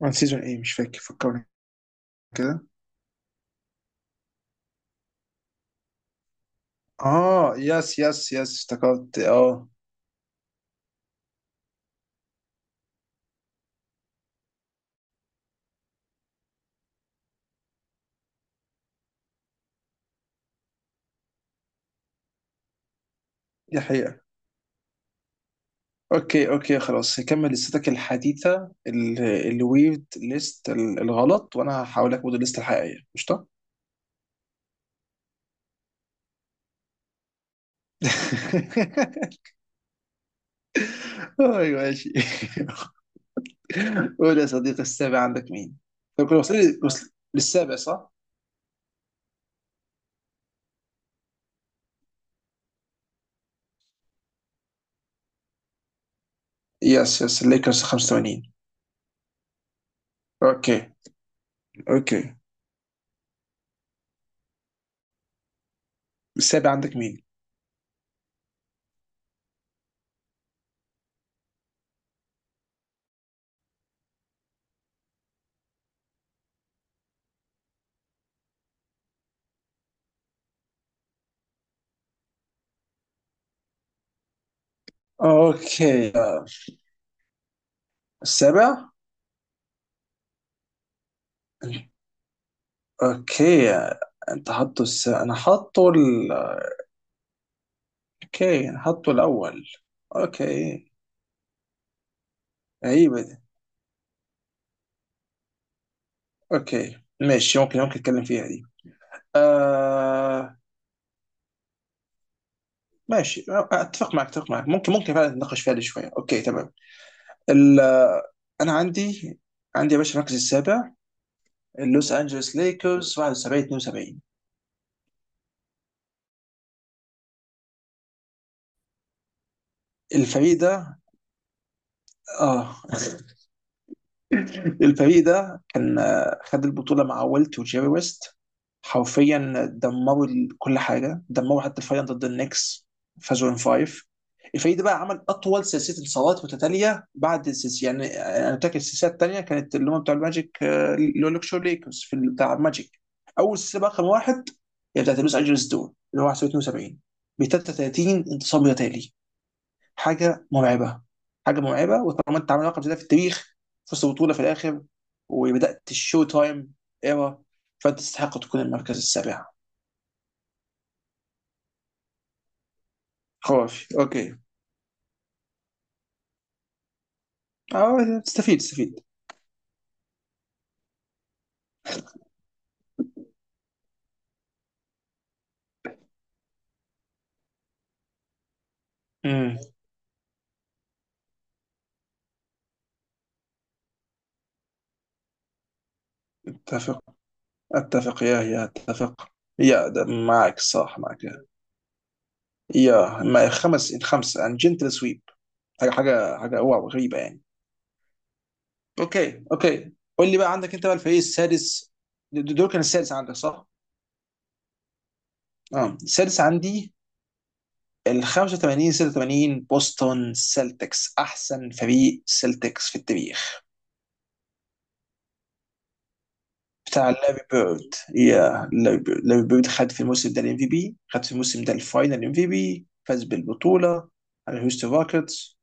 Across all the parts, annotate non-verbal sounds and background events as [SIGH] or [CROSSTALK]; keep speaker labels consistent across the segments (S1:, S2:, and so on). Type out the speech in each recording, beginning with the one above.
S1: وان سيزون ايه؟ مش فاكر، فكرني كده. اه يس يس يس، افتكرت. اه دي حقيقة. اوكي اوكي خلاص، هكمل لستك الحديثة الويرد ليست، الغلط، وانا هحاول اكبر الليست الحقيقية. قشطة. [LAUGHS] ايوه ماشي. [LAUGHS] قول يا صديقي، السابع عندك مين؟ طب كنا وصلنا، للسابع صح؟ يس يس، الليكرز 85. اوكي اوكي. السابع عندك مين؟ اوكي السابع. اوكي انت حاطه انا حاطه اوكي انا حاطه الاول. اوكي. غريبة دي. اوكي ماشي، ممكن اتكلم فيها دي. آه... ماشي. اتفق معك، اتفق معك، ممكن فعلا نتناقش فيها دي شوية. اوكي تمام. ال... انا عندي، عندي يا باشا المركز السابع، اللوس انجلوس ليكرز 71 72. الفريق ده. اه [LAUGHS] الفريق ده كان، خد البطولة مع ويلت وجيري ويست. حرفيا دمروا كل حاجة، دمروا حتى الفاينل ضد النكس. فازوا ان فايف. الفريق ده بقى عمل أطول سلسلة انتصارات متتالية. بعد السلسلة يعني، أنا فاكر السلسلة التانية كانت اللي هم بتوع الماجيك، اللي هو لوكشو ليكرز في بتاع الماجيك. أول سلسلة بقى رقم واحد هي بتاعت لوس أنجلوس دول، اللي هو 72، ب 33 انتصار متتالي. حاجه مرعبه. حاجه مرعبه. وطالما انت عامل رقم زي ده في التاريخ، فزت بطوله في الاخر، وبدات الشو تايم ايرا، فانت تستحق تكون المركز السابع. خرافي اوكي. اه تستفيد تستفيد. امم اتفق. اتفق يا اتفق. يا ده، معك صح، معك يا يا. ما خمس، خمسه عن جنتل سويب. حاجه حاجه حاجه، واو غريبه يعني. اوكي اوكي، قول لي بقى، عندك انت بقى الفريق السادس؟ دول كان السادس عندك صح؟ اه السادس عندي ال 85 86، بوسطن سيلتكس، احسن فريق سيلتكس في التاريخ. بتاع لاري بيرد. يا لاري بيرد، لاري بيرد خد في الموسم ده الام في بي، خد في الموسم ده الفاينل ام في بي، فاز بالبطوله على هيوستن روكيتس.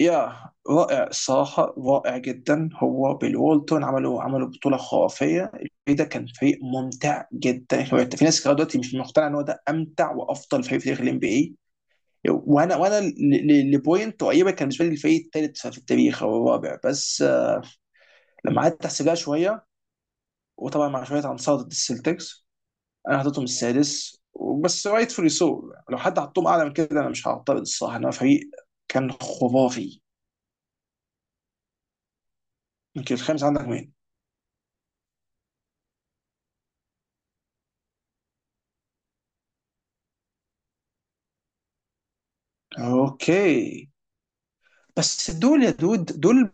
S1: يا رائع الصراحه، رائع جدا. هو بالوالتون عملوا بطوله خرافيه. الفريق ده كان فريق ممتع جدا. في ناس لغايه دلوقتي مش مقتنعه ان هو ده امتع وافضل فريق في تاريخ الام بي اي. وانا لبوينت قريبه كان بالنسبه لي الفريق الثالث في التاريخ او الرابع بس، لما قعدت احسبها شويه، وطبعا مع شويه عنصات ضد السلتكس، انا حطيتهم السادس. بس رايت فولي سو، لو حد حطهم اعلى من كده انا مش هعترض الصراحه، انما فريق كان خرافي. يمكن، الخامس عندك مين؟ اوكي، بس دول يا دود، دول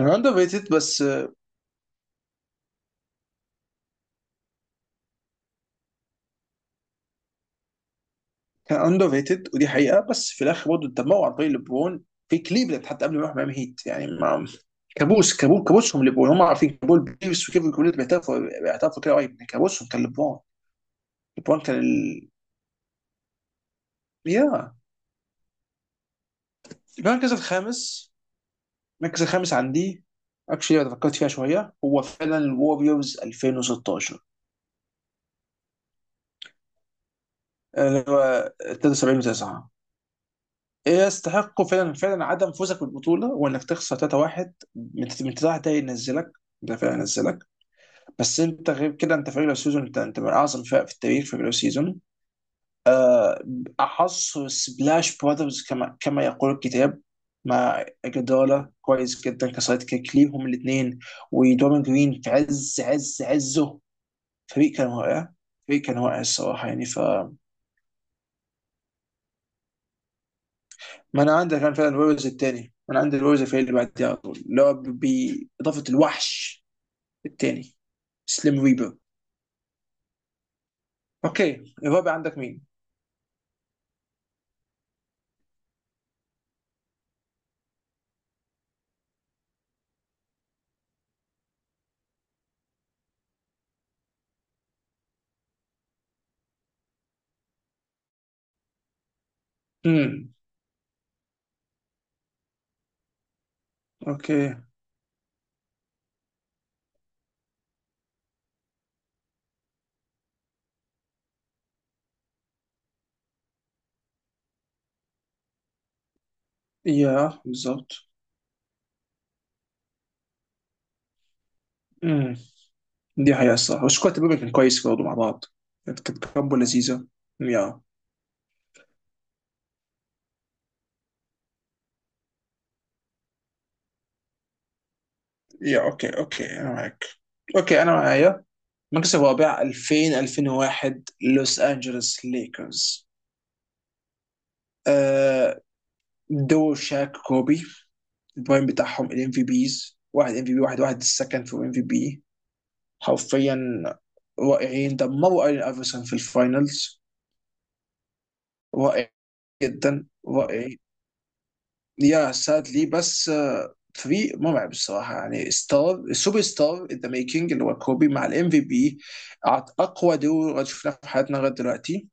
S1: اندر ريتد بس. كان اندر ريتد ودي حقيقه، بس في الاخر برضه اتدمروا عن طريق ليبرون في كليفلاند، حتى قبل ما يروح ميامي هيت يعني. ما كابوس، كابوس، كابوسهم ليبرون. هم عارفين، كابول بيرس وكيفن كوليت بيعترفوا كده قريب إن كابوسهم كان ليبرون. ليبرون كان يا. المركز الخامس، المركز الخامس عندي، اكشلي انا فكرت فيها شويه، هو فعلا الوريورز 2016، اللي هو 73 و9. يستحقوا فعلا، فعلا عدم فوزك بالبطوله وانك تخسر 3-1 من 9، ده ينزلك، ده فعلا ينزلك. بس انت غير كده انت فريق لو سيزون، انت من اعظم الفرق في التاريخ في الريجولار سيزون. احص سبلاش براذرز، كما يقول الكتاب. مع جدالة كويس جدا كسايد كيك ليهم الاثنين، ودوران جرين في عز عزه. فريق كان واقع. فريق كان واقع الصراحه يعني، ف ما انا عندي كان فعلا الويرز الثاني. انا عندي الويرز الفريق اللي بعديه على طول، اللي هو باضافه الوحش الثاني سليم ريبر. اوكي، الرابع عندك مين؟ امم اوكي. يا بالظبط. امم دي حقيقة الصراحة، بس كويس تبقى، كان كويس برضه مع بعض. كانت كامبو لذيذة. يا. يا اوكي اوكي انا معاك. اوكي انا معايا. المركز الرابع 2000 2001، لوس انجلوس ليكرز. آه، دو شاك كوبي. البرايم بتاعهم، الام في بيز واحد، ام في بي واحد واحد، السكند في ام في بي. حرفيا رائعين. دمروا ايرين افرسون في الفاينلز. رائع جدا، رائع. يا سادلي، بس فريق مرعب الصراحه يعني. ستار سوبر ستار ان ذا ميكينج اللي هو كوبي مع الام في بي. اقوى دور شفناه في حياتنا لغايه دلوقتي.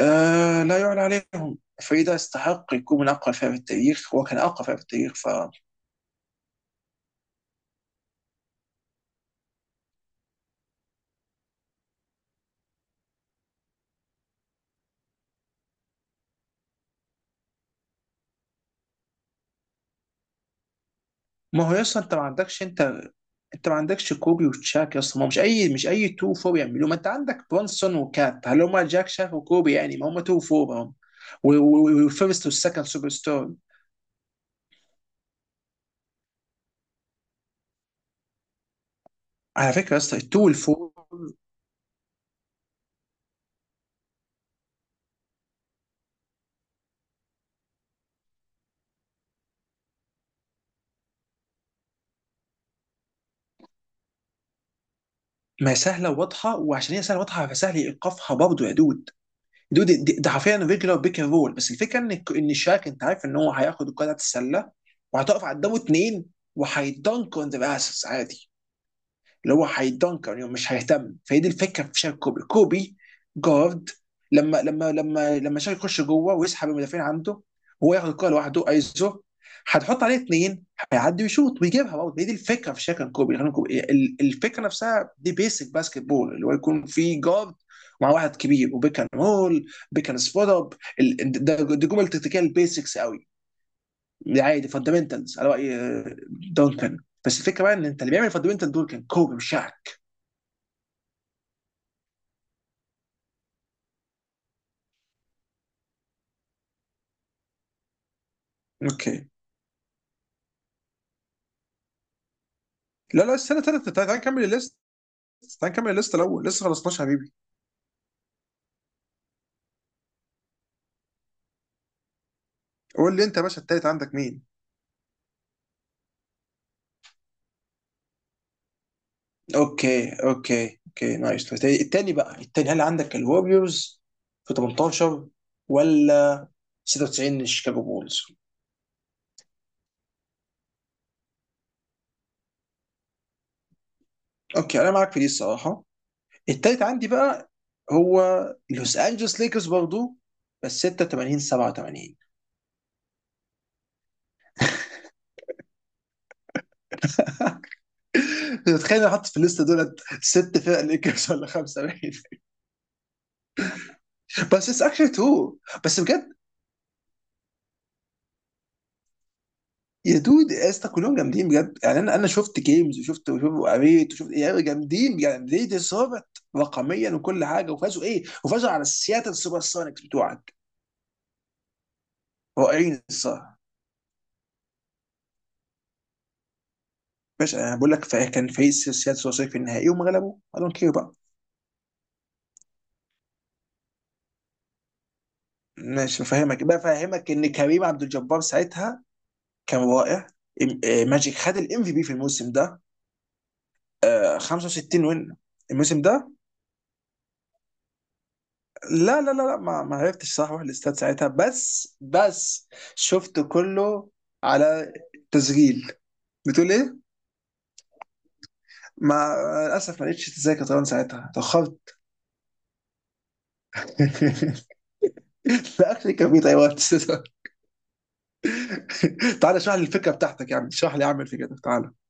S1: لا يعلى عليهم، الفريق ده يستحق يكون من اقوى فرق في التاريخ، هو كان اقوى فرق في التاريخ. ف ما هو يصلا انت ما عندكش، انت ما عندكش كوبي وتشاك اصلا. ما هو مش اي، مش اي تو فور يعملوه. ما انت عندك برونسون وكات، هل هم جاك شاك وكوبي؟ يعني ما هم تو فور هم. والفيرست والسكند سوبر ستار. على فكره يا اسطى التو والفور. ما هي سهله وواضحه، وعشان هي سهله وواضحه فسهل ايقافها برضه يا دود. دود ده حرفيا ريجلر بيك اند رول، بس الفكره ان شاك انت عارف ان هو هياخد الكره بتاعت السله وهتقف قدامه اتنين، وهيدنك اون ذا اسس عادي، اللي هو هيدنكر يعني مش هيهتم. فهي دي الفكره في شارك كوبي. كوبي جارد، لما شارك يخش جوه ويسحب المدافعين عنده، هو ياخد الكوره لوحده ايزو، هتحط عليه اثنين، هيعدي ويشوط ويجيبها برضه. هي دي الفكره في شارك كوبي يعني. الفكره نفسها دي بيسك باسكت بول، اللي هو يكون في جارد مع واحد كبير، وبيكن رول، بيكن سبوت اب. ده دي جمل تكتيكال بيسكس قوي. دي عادي فاندمنتالز على راي دونكن. بس الفكره بقى ان انت اللي بيعمل فاندمنتال دول كان كوبي، مش شعب. اوكي. لا لا، استنى استنى، تعال تعال نكمل الليست. تعال نكمل الليست الاول، لسه خلصناش يا حبيبي. قول لي انت يا باشا، التالت عندك مين؟ اوكي اوكي اوكي، نايس. التاني، التاني بقى هل عندك الوريوز في 18، ولا 96 شيكاغو بولز؟ اوكي انا معاك في دي الصراحه. التالت عندي بقى هو لوس انجلوس ليكرز برضه، بس 86 87. تتخيل انا حاطط في الليست دولت ست فرق ليكرز ولا خمسه؟ [LAUGHS] باين. بس اتس اكشلي تو. بس بجد، يا دود يا اسطى كلهم جامدين بجد يعني. انا شفت جيمز، وشفت وقريت وشفت، يعني جامدين يعني. ليه دي صابت رقميا وكل حاجه، وفازوا ايه، وفازوا على السياتل سوبر سونيكس بتوعك. رائعين الصراحه. ماشي انا بقول لك، كان فريق السياتل سوبر سونيكس في النهائي وما غلبوا. I don't care بقى. ماشي بفهمك، بفهمك ان كريم عبد الجبار ساعتها كان رائع. ماجيك خد الام في بي في الموسم ده، 65 وين الموسم ده. لا لا لا لا، ما, ما عرفتش صح اروح الاستاد ساعتها، بس بس شفته كله على تسجيل. بتقول ايه؟ ما للاسف ما لقيتش تذاكر طيران ساعتها، اتاخرت. [LAUGHS] لا اكشلي كان في طيران. [LAUGHS] تعالى اشرح لي الفكره بتاعتك، يعني اشرح لي، اعمل الفكره بتاعتك، تعالى.